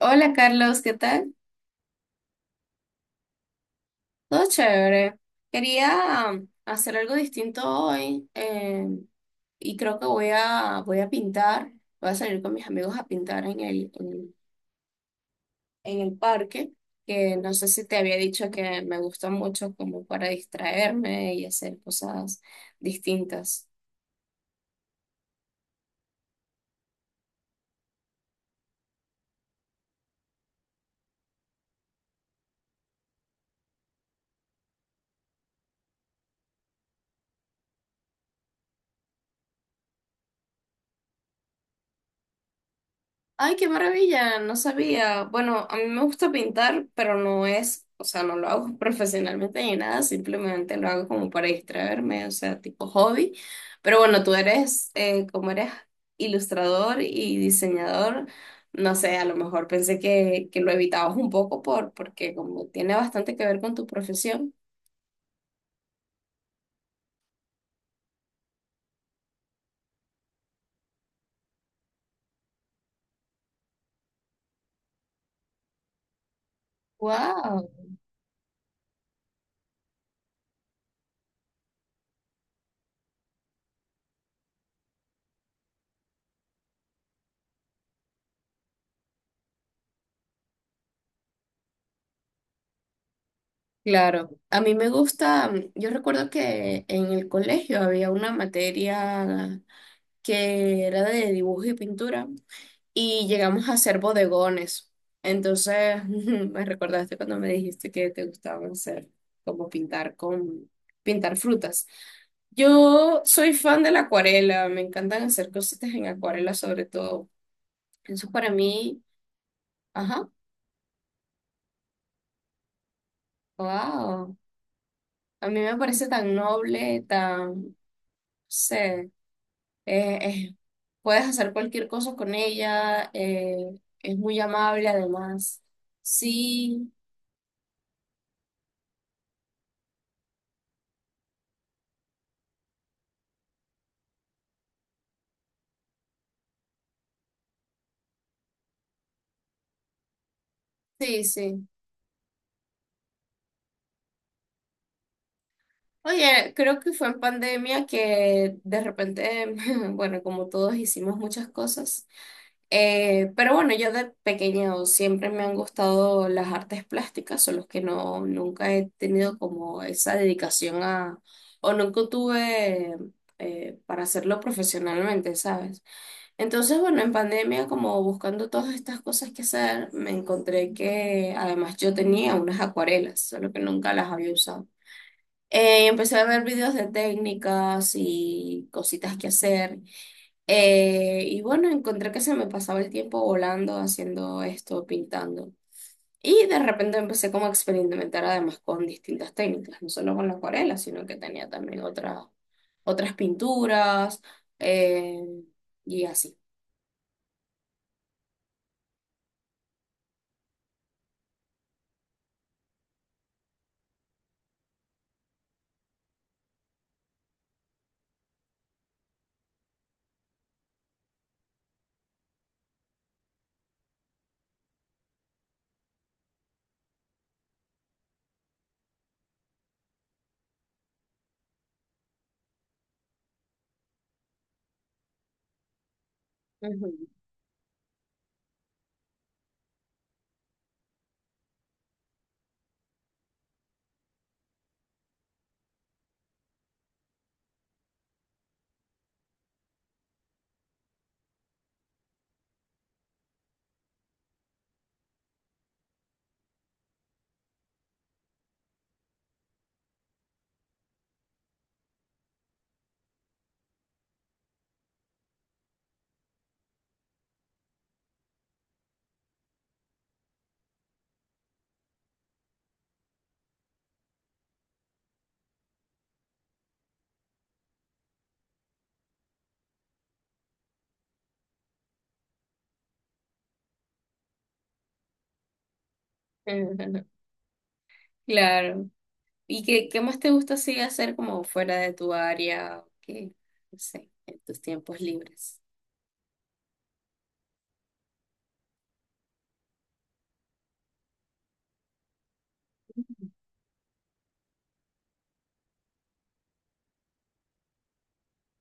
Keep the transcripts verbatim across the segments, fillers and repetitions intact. Hola Carlos, ¿qué tal? Todo chévere. Quería um, hacer algo distinto hoy eh, y creo que voy a, voy a pintar. Voy a salir con mis amigos a pintar en el, en, en el parque, que no sé si te había dicho que me gusta mucho como para distraerme y hacer cosas distintas. Ay, qué maravilla, no sabía. Bueno, a mí me gusta pintar, pero no es, o sea, no lo hago profesionalmente ni nada, simplemente lo hago como para distraerme, o sea, tipo hobby. Pero bueno, tú eres, eh, como eres ilustrador y diseñador, no sé, a lo mejor pensé que, que lo evitabas un poco por, porque como tiene bastante que ver con tu profesión. Wow, claro. A mí me gusta, yo recuerdo que en el colegio había una materia que era de dibujo y pintura, y llegamos a hacer bodegones. Entonces, me recordaste cuando me dijiste que te gustaba hacer, como pintar con, pintar frutas. Yo soy fan de la acuarela, me encantan hacer cositas en acuarela sobre todo. Eso para mí, ajá, wow. A mí me parece tan noble, tan, no sé, Eh, eh, puedes hacer cualquier cosa con ella, eh, es muy amable además. Sí, sí, sí. Oye, creo que fue en pandemia que de repente, bueno, como todos hicimos muchas cosas, eh, pero bueno, yo de pequeño siempre me han gustado las artes plásticas, solo que no, nunca he tenido como esa dedicación a, o nunca tuve eh, para hacerlo profesionalmente, ¿sabes? Entonces, bueno, en pandemia, como buscando todas estas cosas que hacer, me encontré que además yo tenía unas acuarelas, solo que nunca las había usado. Eh, empecé a ver videos de técnicas y cositas que hacer. Eh, y bueno, encontré que se me pasaba el tiempo volando, haciendo esto, pintando. Y de repente empecé como a experimentar además con distintas técnicas, no solo con la acuarela, sino que tenía también otras, otras pinturas eh, y así. Ujú. Ujú, claro. ¿Y qué, qué más te gusta así hacer como fuera de tu área? Qué, no sé, en tus tiempos libres.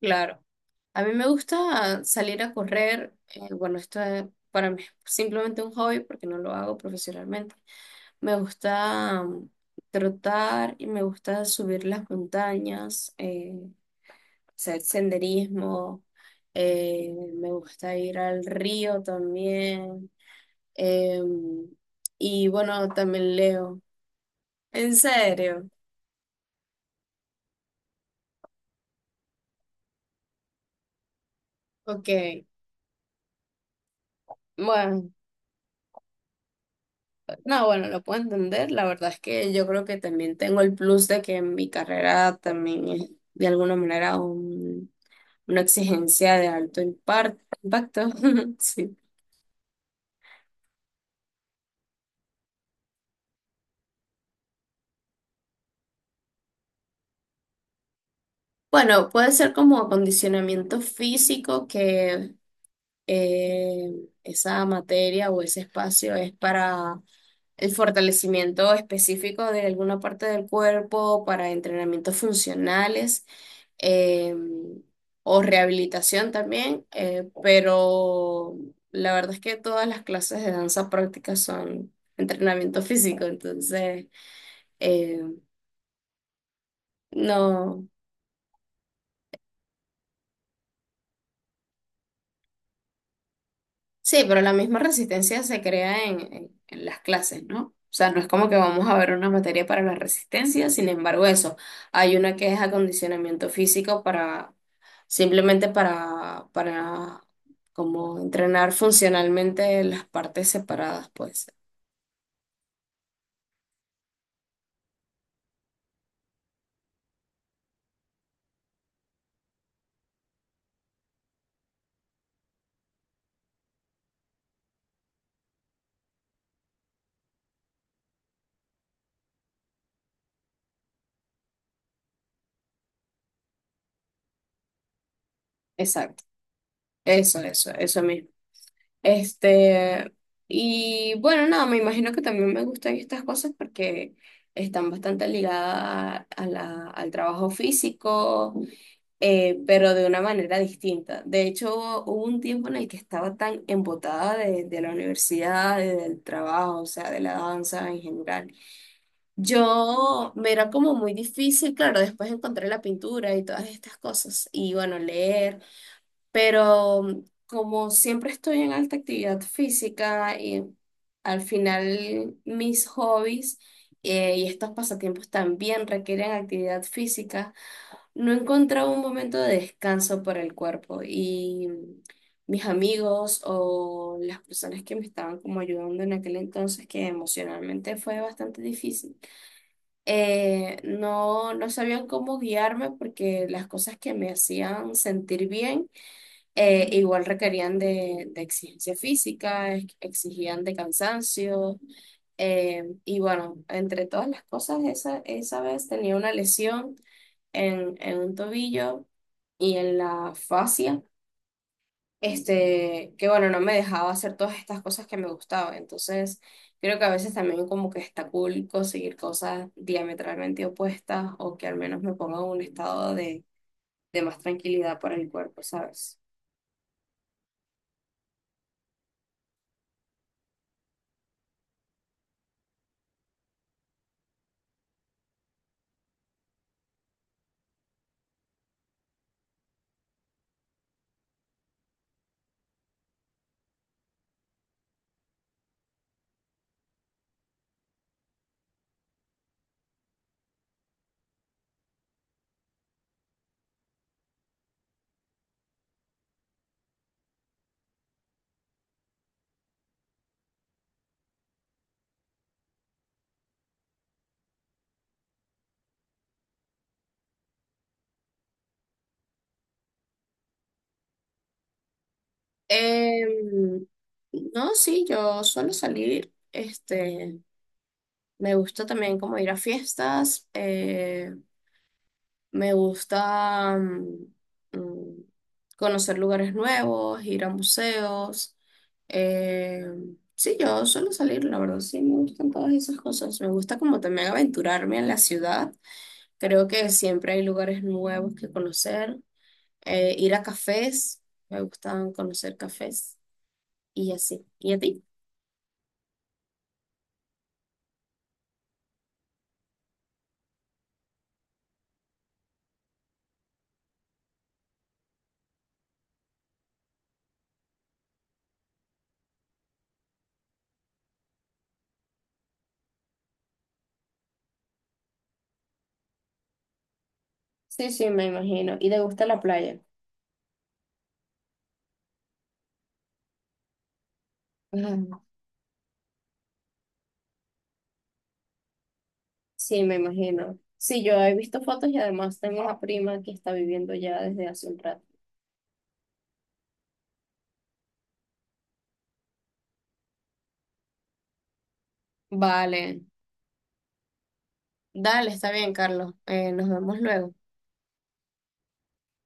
Claro. A mí me gusta salir a correr. Eh, bueno, esto es para mí es simplemente un hobby porque no lo hago profesionalmente. Me gusta mm, trotar y me gusta subir las montañas, eh, hacer senderismo. eh, Me gusta ir al río también. Em, y bueno, también leo. ¿En serio? Ok. Bueno, no, bueno, lo puedo entender. La verdad es que yo creo que también tengo el plus de que mi carrera también es de alguna manera un- una exigencia de alto impar- impacto. Sí. Bueno, puede ser como acondicionamiento físico que eh, esa materia o ese espacio es para el fortalecimiento específico de alguna parte del cuerpo para entrenamientos funcionales eh, o rehabilitación también, eh, pero la verdad es que todas las clases de danza práctica son entrenamiento físico, entonces eh, no, sí, pero la misma resistencia se crea en, en en las clases, ¿no? O sea, no es como que vamos a ver una materia para la resistencia, sin embargo, eso. Hay una que es acondicionamiento físico para simplemente para, para como entrenar funcionalmente las partes separadas, pues. Exacto, eso, eso, eso mismo. Este, y bueno, nada, me imagino que también me gustan estas cosas porque están bastante ligadas a la, al trabajo físico, eh, pero de una manera distinta. De hecho, hubo un tiempo en el que estaba tan embotada de, de la universidad, y del trabajo, o sea, de la danza en general. Yo me era como muy difícil, claro, después encontré la pintura y todas estas cosas, y bueno, leer, pero mm, como siempre estoy en alta actividad física y al final mis hobbies eh, y estos pasatiempos también requieren actividad física, no encontraba un momento de descanso para el cuerpo y mm, mis amigos o las personas que me estaban como ayudando en aquel entonces, que emocionalmente fue bastante difícil eh, no, no sabían cómo guiarme porque las cosas que me hacían sentir bien eh, igual requerían de, de exigencia física, ex- exigían de cansancio eh, y bueno, entre todas las cosas, esa, esa vez tenía una lesión en, en un tobillo y en la fascia este, que bueno, no me dejaba hacer todas estas cosas que me gustaban. Entonces, creo que a veces también como que está cool conseguir cosas diametralmente opuestas o que al menos me pongan en un estado de, de más tranquilidad para el cuerpo, ¿sabes? Em, no, sí, yo suelo salir, este, me gusta también como ir a fiestas, eh, me gusta mm, mm, conocer lugares nuevos, ir a museos. Eh, sí, yo suelo salir, la verdad, sí, me gustan todas esas cosas. Me gusta como también aventurarme en la ciudad. Creo que siempre hay lugares nuevos que conocer. Eh, ir a cafés, me gustan conocer cafés y así. ¿Y a ti? Sí, sí, me imagino. ¿Y te gusta la playa? Sí, me imagino. Sí, yo he visto fotos y además tengo una prima que está viviendo ya desde hace un rato. Vale, dale, está bien, Carlos. Eh, nos vemos luego.